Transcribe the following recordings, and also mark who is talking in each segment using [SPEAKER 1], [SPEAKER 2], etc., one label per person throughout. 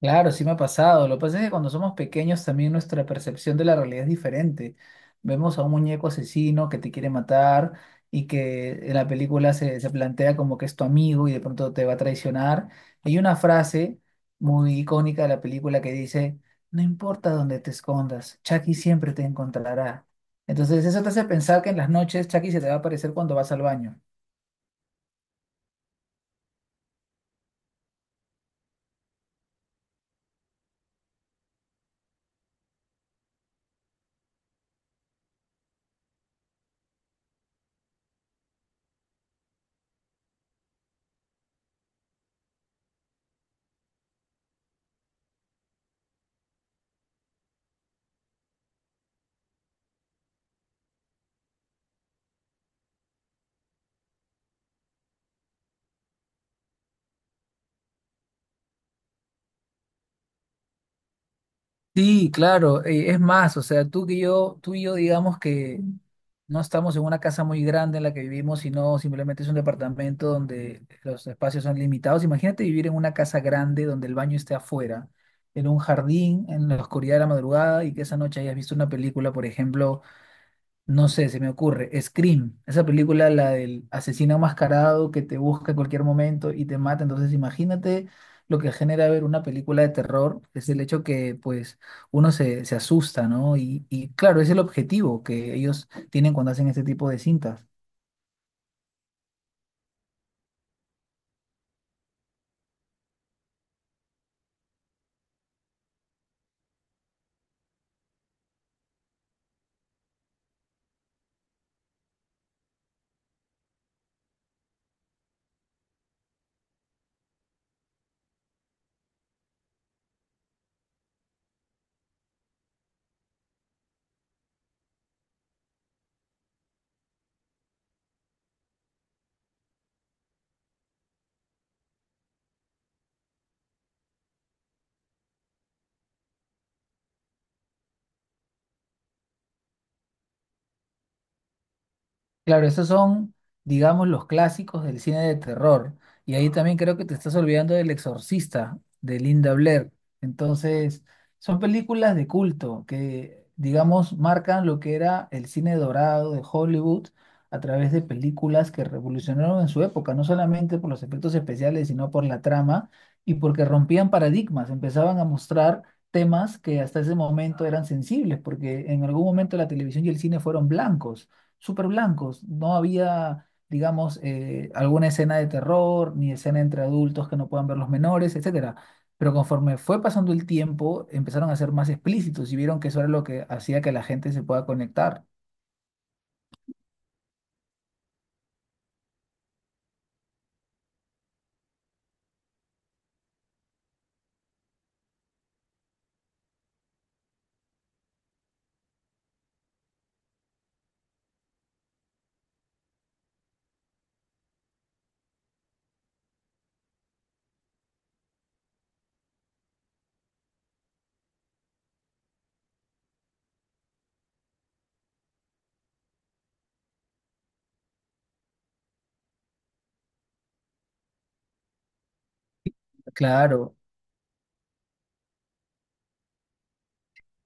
[SPEAKER 1] Claro, sí me ha pasado. Lo que pasa es que cuando somos pequeños también nuestra percepción de la realidad es diferente. Vemos a un muñeco asesino que te quiere matar y que en la película se plantea como que es tu amigo y de pronto te va a traicionar. Hay una frase muy icónica de la película que dice, no importa dónde te escondas, Chucky siempre te encontrará. Entonces eso te hace pensar que en las noches Chucky se te va a aparecer cuando vas al baño. Sí, claro, es más, o sea, tú que yo, tú y yo digamos que no estamos en una casa muy grande en la que vivimos, sino simplemente es un departamento donde los espacios son limitados. Imagínate vivir en una casa grande donde el baño esté afuera, en un jardín, en la oscuridad de la madrugada y que esa noche hayas visto una película, por ejemplo. No sé, se me ocurre. Scream, esa película, la del asesino enmascarado que te busca en cualquier momento y te mata. Entonces, imagínate lo que genera ver una película de terror, es el hecho que, pues, uno se asusta, ¿no? Y claro, es el objetivo que ellos tienen cuando hacen este tipo de cintas. Claro, esos son, digamos, los clásicos del cine de terror. Y ahí también creo que te estás olvidando del Exorcista, de Linda Blair. Entonces, son películas de culto que, digamos, marcan lo que era el cine dorado de Hollywood a través de películas que revolucionaron en su época, no solamente por los efectos especiales, sino por la trama y porque rompían paradigmas, empezaban a mostrar temas que hasta ese momento eran sensibles, porque en algún momento la televisión y el cine fueron blancos súper blancos. No había, digamos, alguna escena de terror, ni escena entre adultos que no puedan ver los menores, etcétera. Pero conforme fue pasando el tiempo, empezaron a ser más explícitos y vieron que eso era lo que hacía que la gente se pueda conectar. Claro.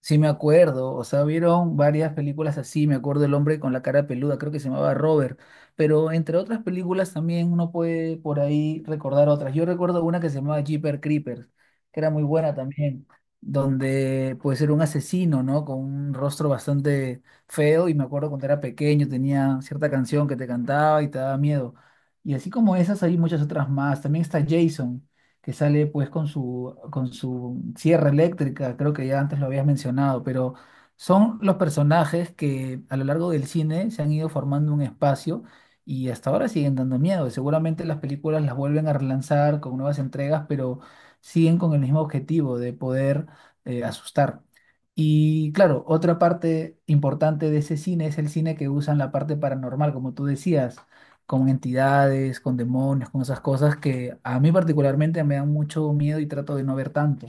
[SPEAKER 1] Sí, me acuerdo, o sea, vieron varias películas así, me acuerdo el hombre con la cara peluda, creo que se llamaba Robert, pero entre otras películas también uno puede por ahí recordar otras. Yo recuerdo una que se llamaba Jeepers Creepers, que era muy buena también, donde pues era un asesino, ¿no? Con un rostro bastante feo y me acuerdo cuando era pequeño tenía cierta canción que te cantaba y te daba miedo. Y así como esas hay muchas otras más, también está Jason que sale pues con su sierra eléctrica, creo que ya antes lo habías mencionado, pero son los personajes que a lo largo del cine se han ido formando un espacio y hasta ahora siguen dando miedo. Seguramente las películas las vuelven a relanzar con nuevas entregas, pero siguen con el mismo objetivo de poder asustar. Y claro, otra parte importante de ese cine es el cine que usan la parte paranormal, como tú decías, con entidades, con demonios, con esas cosas que a mí particularmente me dan mucho miedo y trato de no ver tanto.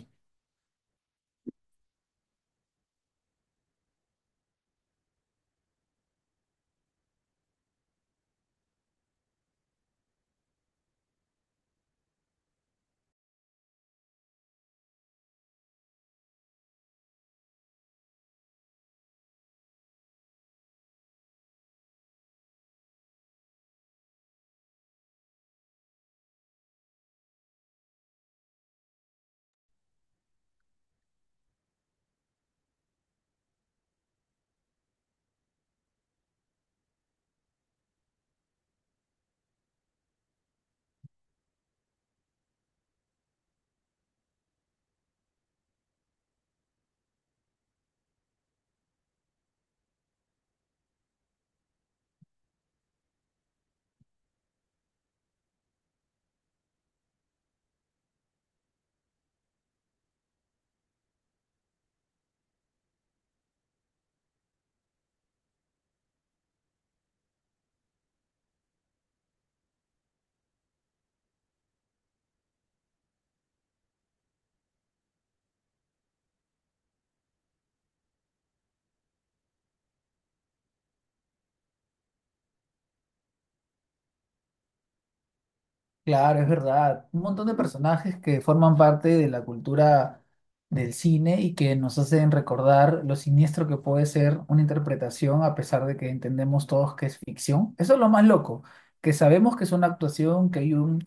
[SPEAKER 1] Claro, es verdad. Un montón de personajes que forman parte de la cultura del cine y que nos hacen recordar lo siniestro que puede ser una interpretación a pesar de que entendemos todos que es ficción. Eso es lo más loco, que sabemos que es una actuación, que hay un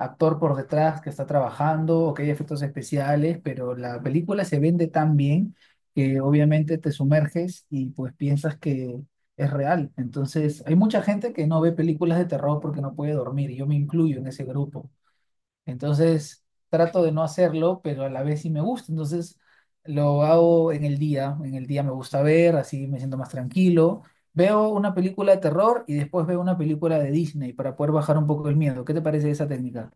[SPEAKER 1] actor por detrás que está trabajando o que hay efectos especiales, pero la película se vende tan bien que obviamente te sumerges y pues piensas que es real. Entonces, hay mucha gente que no ve películas de terror porque no puede dormir. Y yo me incluyo en ese grupo. Entonces, trato de no hacerlo, pero a la vez sí me gusta. Entonces, lo hago en el día. En el día me gusta ver, así me siento más tranquilo. Veo una película de terror y después veo una película de Disney para poder bajar un poco el miedo. ¿Qué te parece esa técnica?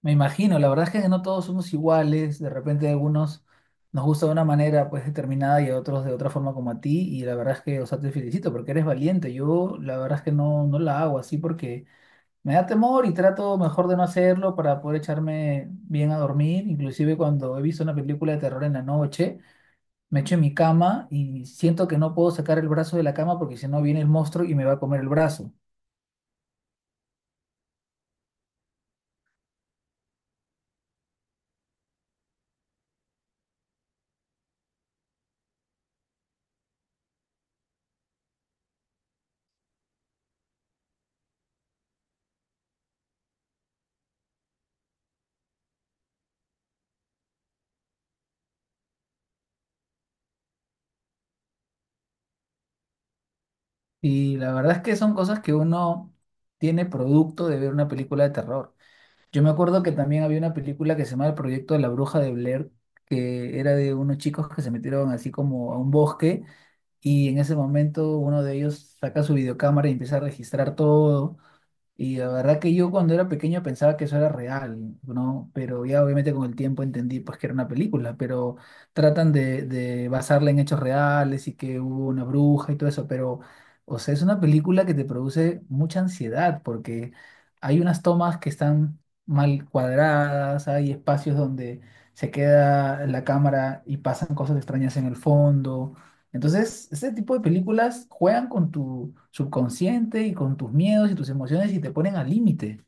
[SPEAKER 1] Me imagino, la verdad es que no todos somos iguales, de repente a algunos nos gusta de una manera pues determinada y a otros de otra forma como a ti y la verdad es que, o sea, te felicito porque eres valiente, yo la verdad es que no, no la hago así porque me da temor y trato mejor de no hacerlo para poder echarme bien a dormir, inclusive cuando he visto una película de terror en la noche, me echo en mi cama y siento que no puedo sacar el brazo de la cama porque si no viene el monstruo y me va a comer el brazo. Y la verdad es que son cosas que uno tiene producto de ver una película de terror. Yo me acuerdo que también había una película que se llamaba El Proyecto de la Bruja de Blair, que era de unos chicos que se metieron así como a un bosque y en ese momento uno de ellos saca su videocámara y empieza a registrar todo y la verdad que yo cuando era pequeño pensaba que eso era real, ¿no? Pero ya obviamente con el tiempo entendí pues que era una película, pero tratan de basarla en hechos reales y que hubo una bruja y todo eso, pero, o sea, es una película que te produce mucha ansiedad porque hay unas tomas que están mal cuadradas, hay espacios donde se queda la cámara y pasan cosas extrañas en el fondo. Entonces, este tipo de películas juegan con tu subconsciente y con tus miedos y tus emociones y te ponen al límite.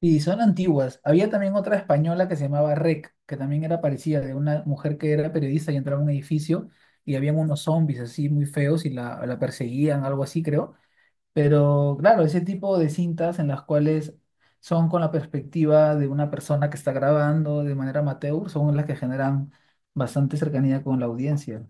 [SPEAKER 1] Y son antiguas. Había también otra española que se llamaba REC, que también era parecida, de una mujer que era periodista y entraba a un edificio y habían unos zombies así muy feos y la perseguían, algo así creo. Pero claro, ese tipo de cintas en las cuales son con la perspectiva de una persona que está grabando de manera amateur son las que generan bastante cercanía con la audiencia.